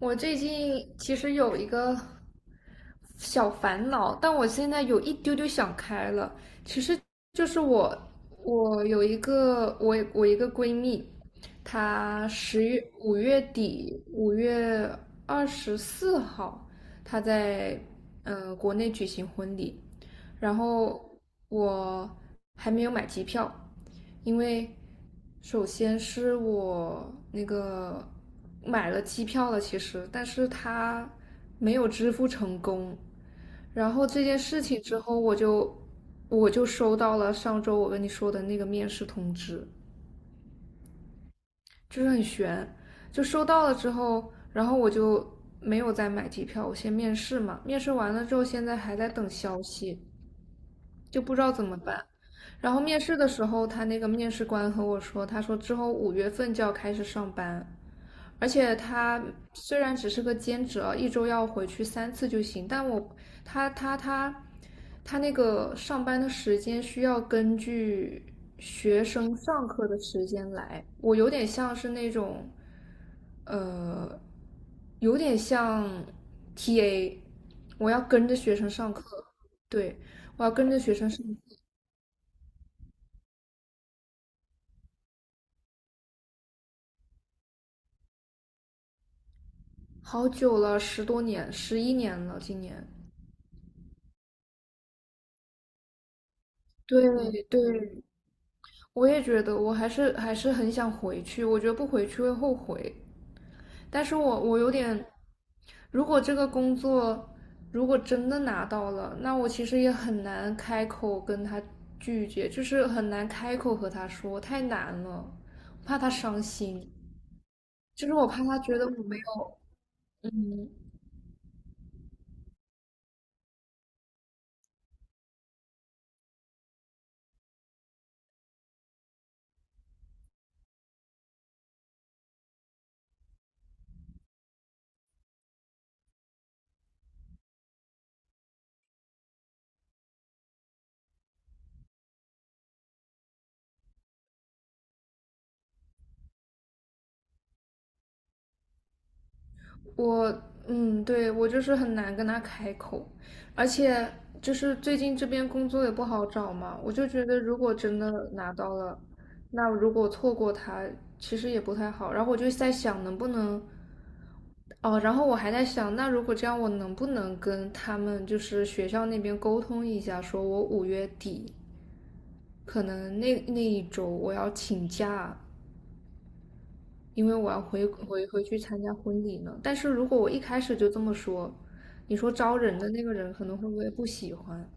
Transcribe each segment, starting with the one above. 我最近其实有一个小烦恼，但我现在有一丢丢想开了。就是我，我有一个闺蜜，她十月五月底5月24号，她在国内举行婚礼。然后我还没有买机票，因为首先是我那个买了机票了，其实，但是她没有支付成功。然后这件事情之后，我就收到了上周我跟你说的那个面试通知，就是很悬。就收到了之后，然后我就没有再买机票，我先面试嘛，面试完了之后，现在还在等消息，就不知道怎么办。然后面试的时候，他那个面试官和我说，他说之后五月份就要开始上班。而且他虽然只是个兼职啊，一周要回去三次就行，但我他他他他那个上班的时间需要根据学生上课的时间来，我有点像 TA，我要跟着学生上课。对，我要跟着学生上。好久了，10多年，11年了，今年。对对，我也觉得，我还是很想回去，我觉得不回去会后悔。但是我有点，如果这个工作真的拿到了，那我其实也很难开口跟他拒绝，就是很难开口和他说，太难了，我怕他伤心，就是我怕他觉得我没有。我对，我就是很难跟他开口。而且就是最近这边工作也不好找嘛，我就觉得如果真的拿到了，那如果错过他，其实也不太好。然后我就在想能不能，哦，然后我还在想，那如果这样，我能不能跟他们就是学校那边沟通一下，说我五月底可能那一周我要请假，因为我要回去参加婚礼呢。但是如果我一开始就这么说，你说招人的那个人可能会不会不喜欢？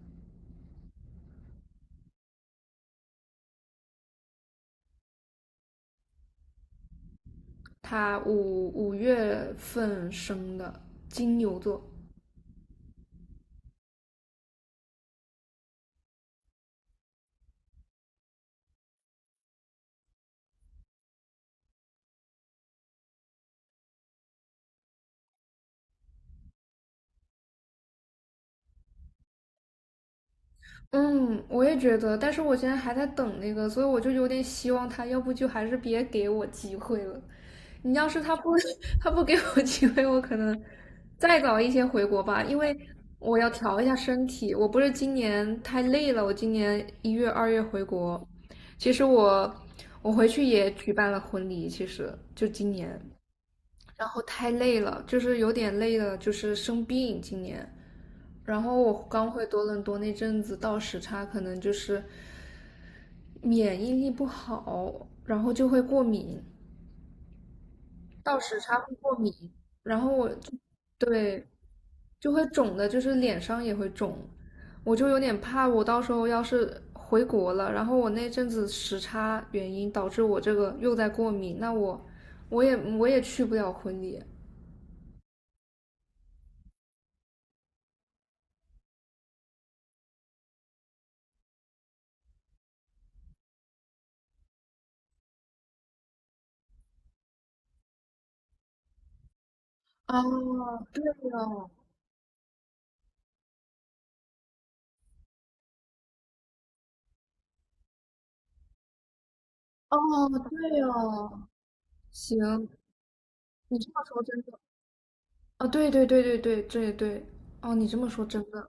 他五月份生的，金牛座。嗯，我也觉得，但是我现在还在等那个，所以我就有点希望他，要不就还是别给我机会了。你要是他不 他不给我机会，我可能再早一些回国吧，因为我要调一下身体。我不是今年太累了，我今年1月、2月回国。其实我回去也举办了婚礼，其实就今年。然后太累了，就是有点累了，就是生病今年。然后我刚回多伦多那阵子倒时差，可能就是免疫力不好，然后就会过敏，倒时差会过敏，然后我就，对，就会肿的，就是脸上也会肿。我就有点怕，我到时候要是回国了，然后我那阵子时差原因导致我这个又在过敏，那我也去不了婚礼。哦，对啊，哦，对哦，行，你这么说真的。啊、对对对对对对对，哦，你这么说真的，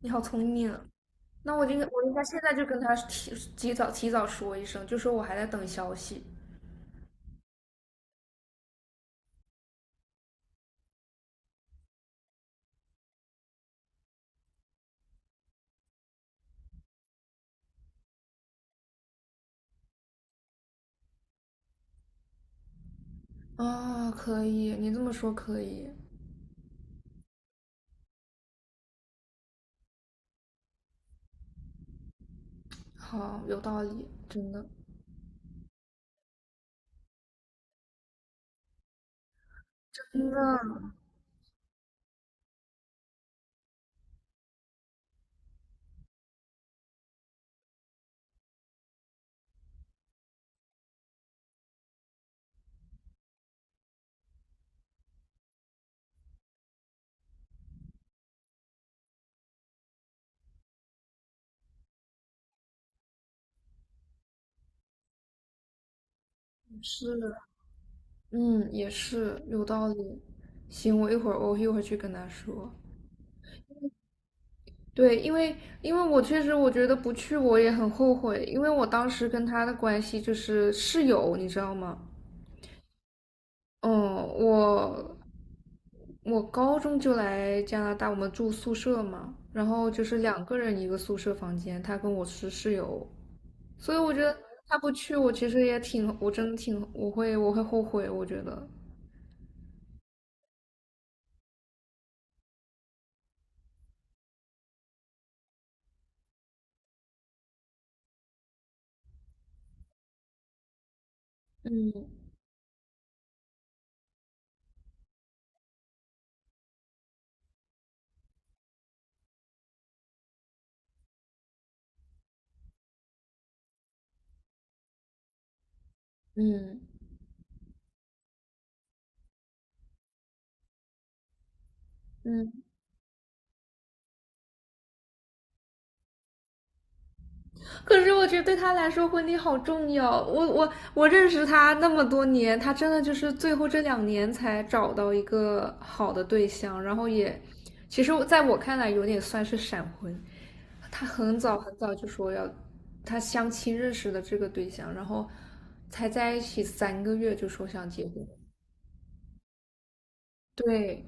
你好聪明啊。那我应该，我应该现在就跟他提早说一声，就说我还在等消息。啊、可以，你这么说可以。好，有道理，真的，真的是，嗯，也是有道理。行，我一会儿去跟他说。对，因为我确实我觉得不去我也很后悔，因为我当时跟他的关系就是室友，你知道吗？嗯，我我高中就来加拿大，我们住宿舍嘛，然后就是两个人一个宿舍房间，他跟我是室友，所以我觉得他不去我其实也挺，我真的挺，我会后悔，我觉得。嗯嗯嗯。可是我觉得对他来说，婚礼好重要。我认识他那么多年，他真的就是最后这2年才找到一个好的对象，然后也，其实在我看来有点算是闪婚。他很早很早就说要，他相亲认识的这个对象，然后才在一起3个月就说想结婚。对，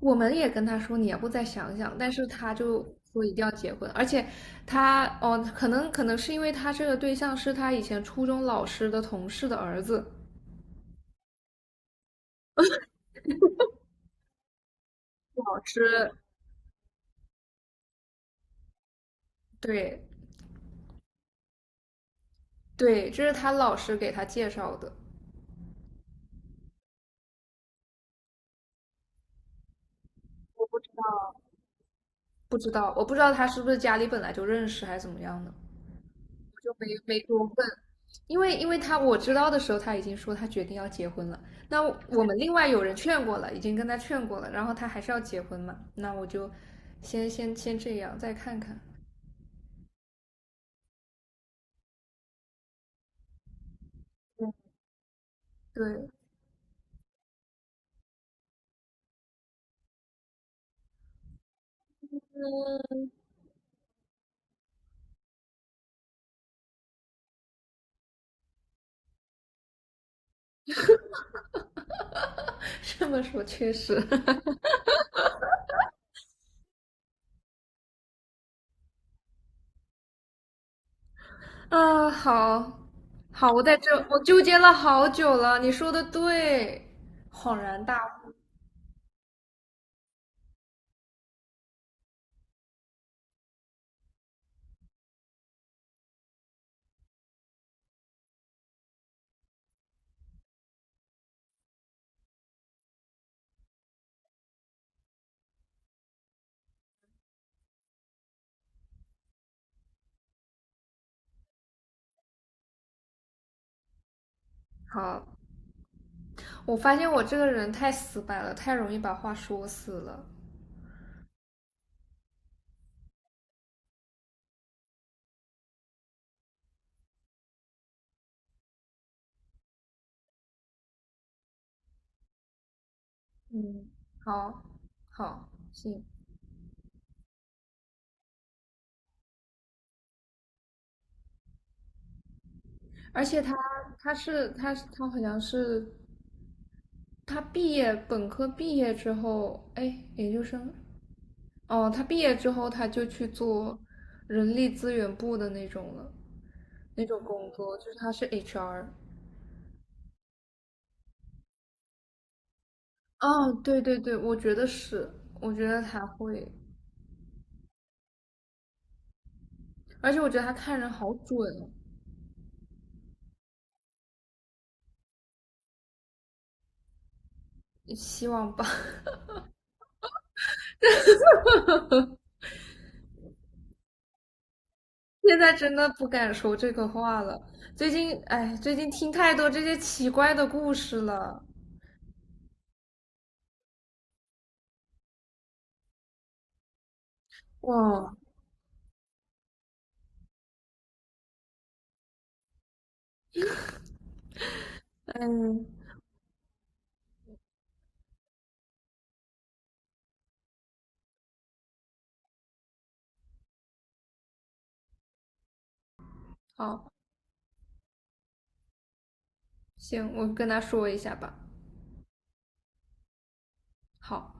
我们也跟他说你要不再想想，但是他就说一定要结婚。而且他，哦，可能是因为他这个对象是他以前初中老师的同事的儿子，老师。对对，这是他老师给他介绍的。不知道我不知道他是不是家里本来就认识还是怎么样的，我就没多问。因为他我知道的时候他已经说他决定要结婚了，那我们另外有人劝过了，已经跟他劝过了，然后他还是要结婚嘛，那我就先这样，再看看。对，这么说确实 啊，好好，我在这，我纠结了好久了。你说的对，恍然大悟。好，我发现我这个人太死板了，太容易把话说死了。嗯，好，好，行。而且他，他好像是，他毕业，本科毕业之后，哎，研究生哦，他毕业之后他就去做人力资源部的那种了，那种工作，就是他是 HR。哦，对对对，我觉得是，我觉得他会，而且我觉得他看人好准哦。希望吧。现在真的不敢说这个话了。最近，哎，最近听太多这些奇怪的故事了。哇，嗯，好，行，我跟他说一下吧。好。